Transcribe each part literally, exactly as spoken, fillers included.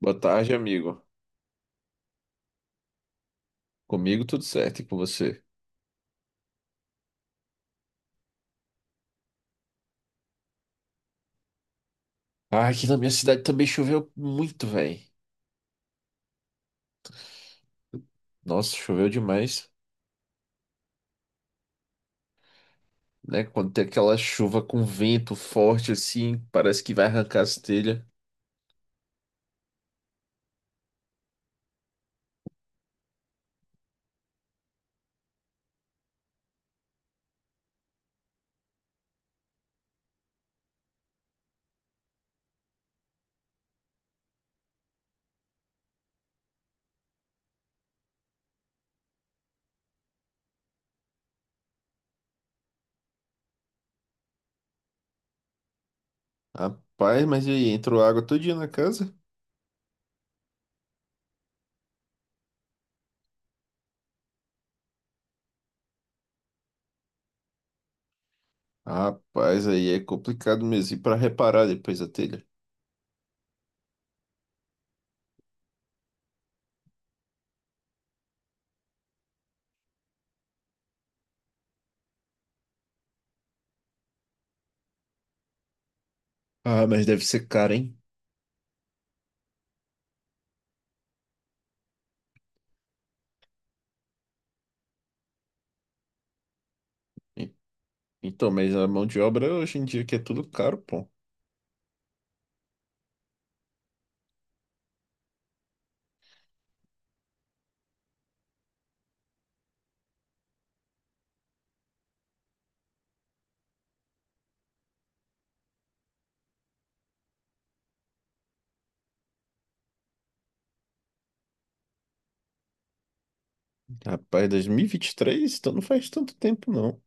Boa tarde, amigo. Comigo tudo certo, e com você? Ah, aqui na minha cidade também choveu muito, velho. Nossa, choveu demais, né? Quando tem aquela chuva com vento forte assim, parece que vai arrancar as telhas. Rapaz, mas e aí, entrou água todo dia na casa? Rapaz, aí é complicado mesmo. E pra reparar depois a telha? Ah, mas deve ser caro, hein? E- Então, mas a mão de obra hoje em dia que é tudo caro, pô. Rapaz, dois mil e vinte e três? Então não faz tanto tempo, não.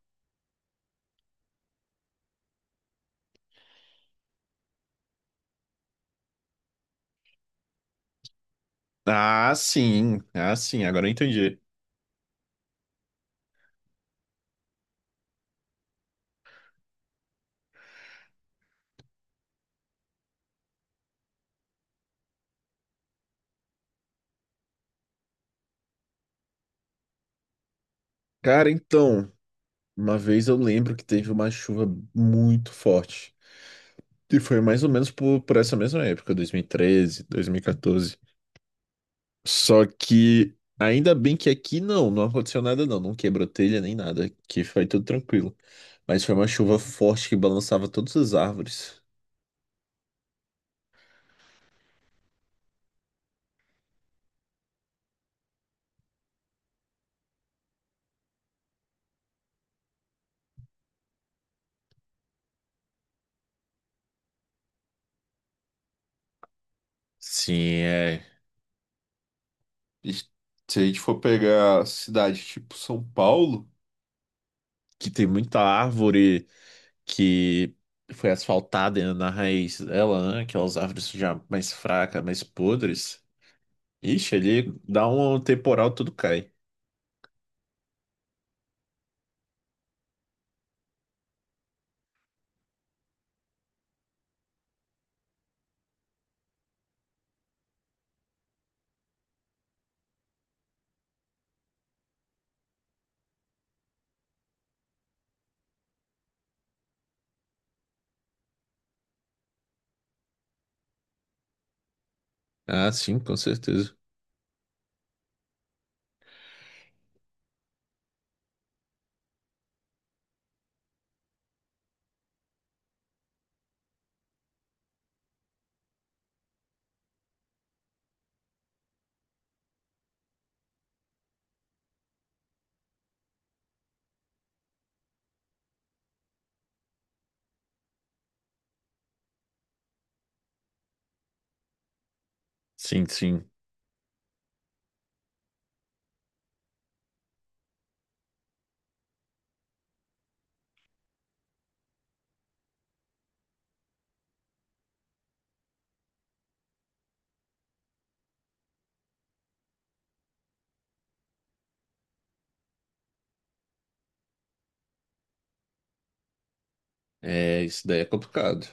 Ah, sim. Ah, sim. Agora eu entendi. Cara, então, uma vez eu lembro que teve uma chuva muito forte. E foi mais ou menos por, por essa mesma época, dois mil e treze, dois mil e quatorze. Só que ainda bem que aqui não, não aconteceu nada não, não quebrou telha nem nada, que foi tudo tranquilo. Mas foi uma chuva forte que balançava todas as árvores. Sim, é. E se a gente for pegar cidade tipo São Paulo, que tem muita árvore, que foi asfaltada na raiz dela, né? Aquelas árvores já mais fracas, mais podres. Ixi, ali dá um temporal, tudo cai. Ah, sim, com certeza. Sim, sim. É, isso daí é complicado.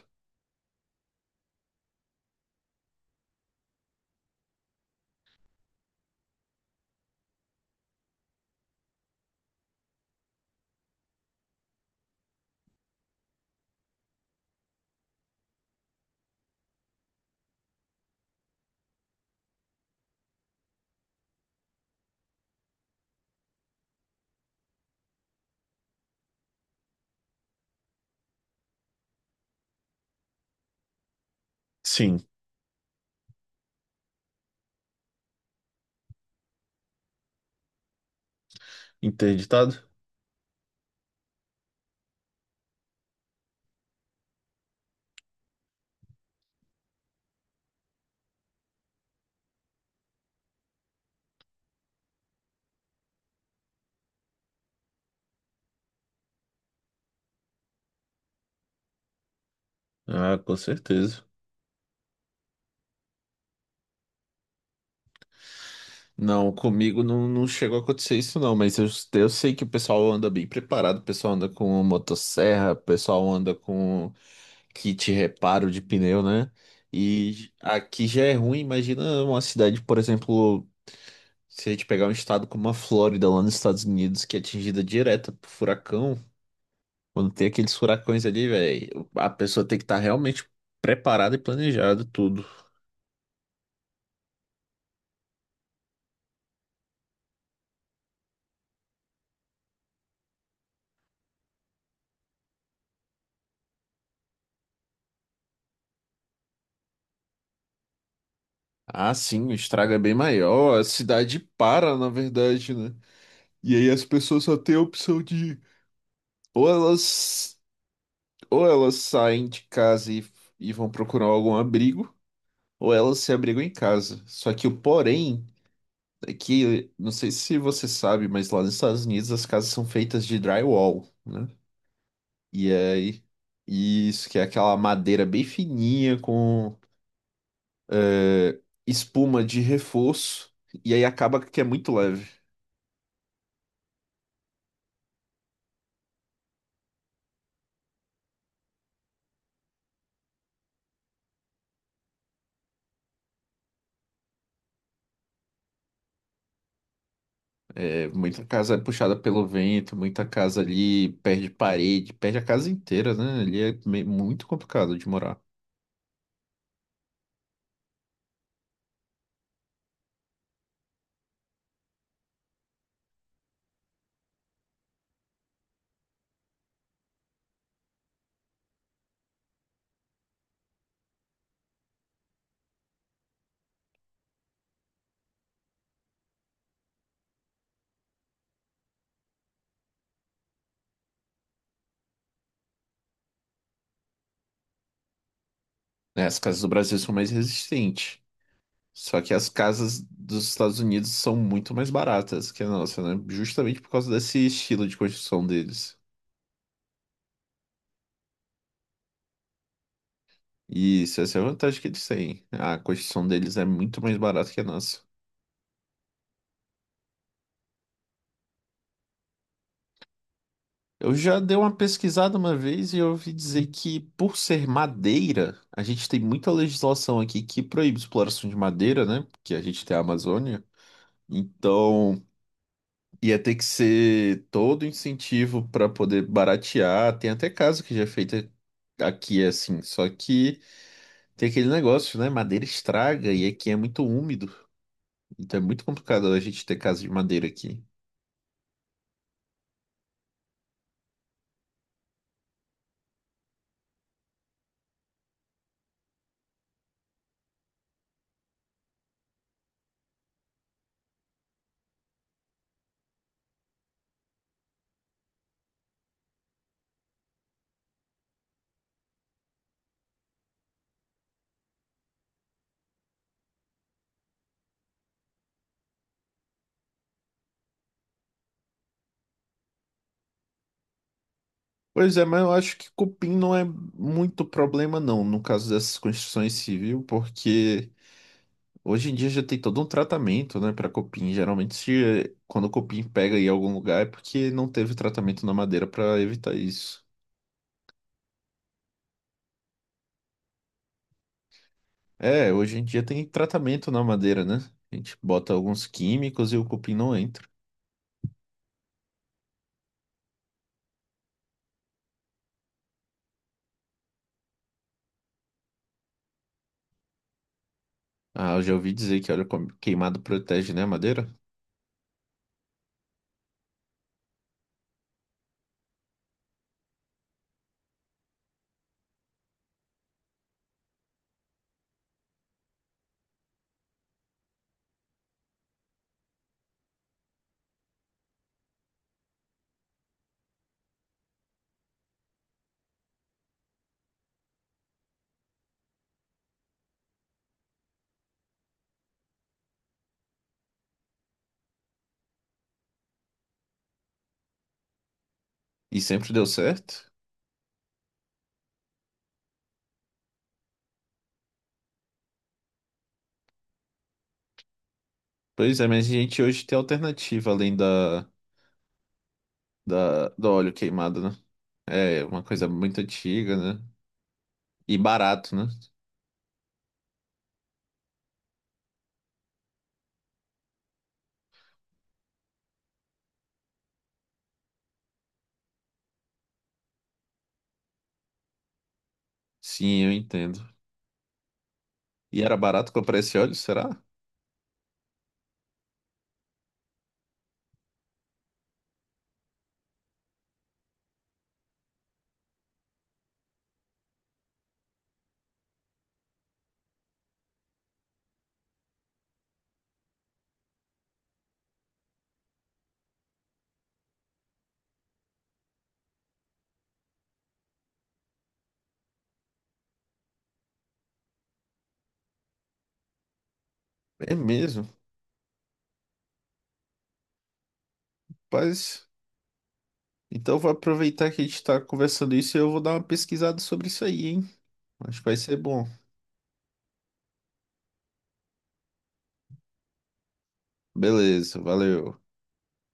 Sim. Interditado? Ah, com certeza. Não, comigo não, não chegou a acontecer isso não, mas eu, eu sei que o pessoal anda bem preparado, o pessoal anda com motosserra, o pessoal anda com kit reparo de pneu, né? E aqui já é ruim, imagina uma cidade, por exemplo, se a gente pegar um estado como a Flórida, lá nos Estados Unidos, que é atingida direta por furacão. Quando tem aqueles furacões ali, velho, a pessoa tem que estar realmente preparada e planejada tudo. Ah, sim, o estrago é bem maior, a cidade para, na verdade, né? E aí as pessoas só têm a opção de ou elas ou elas saem de casa e, e vão procurar algum abrigo, ou elas se abrigam em casa. Só que o porém é que, não sei se você sabe, mas lá nos Estados Unidos as casas são feitas de drywall, né? E aí isso que é aquela madeira bem fininha com eh, espuma de reforço, e aí acaba que é muito leve. É, muita casa é puxada pelo vento, muita casa ali perde parede, perde a casa inteira, né? Ali é me- muito complicado de morar. Né? As casas do Brasil são mais resistentes. Só que as casas dos Estados Unidos são muito mais baratas que a nossa, né? Justamente por causa desse estilo de construção deles. E isso, essa é a vantagem que eles têm. A construção deles é muito mais barata que a nossa. Eu já dei uma pesquisada uma vez e eu ouvi dizer que, por ser madeira, a gente tem muita legislação aqui que proíbe exploração de madeira, né? Porque a gente tem a Amazônia. Então, ia ter que ser todo incentivo para poder baratear. Tem até caso que já é feito aqui, assim. Só que tem aquele negócio, né? Madeira estraga e aqui é muito úmido. Então, é muito complicado a gente ter casa de madeira aqui. Pois é, mas eu acho que cupim não é muito problema, não, no caso dessas construções civil, porque hoje em dia já tem todo um tratamento, né, para cupim. Geralmente, se- quando o cupim pega em algum lugar, é porque não teve tratamento na madeira para evitar isso. É, hoje em dia tem tratamento na madeira, né? A gente bota alguns químicos e o cupim não entra. Ah, eu já ouvi dizer que óleo com- queimado protege, né, a madeira? E sempre deu certo. Pois é, mas a gente hoje tem alternativa além da, da, do óleo queimado, né? É uma coisa muito antiga, né? E barato, né? Sim, eu entendo. E era barato comprar esse óleo, será? É mesmo. Mas então eu vou aproveitar que a gente tá conversando isso e eu vou dar uma pesquisada sobre isso aí, hein? Acho que vai ser bom. Beleza, valeu.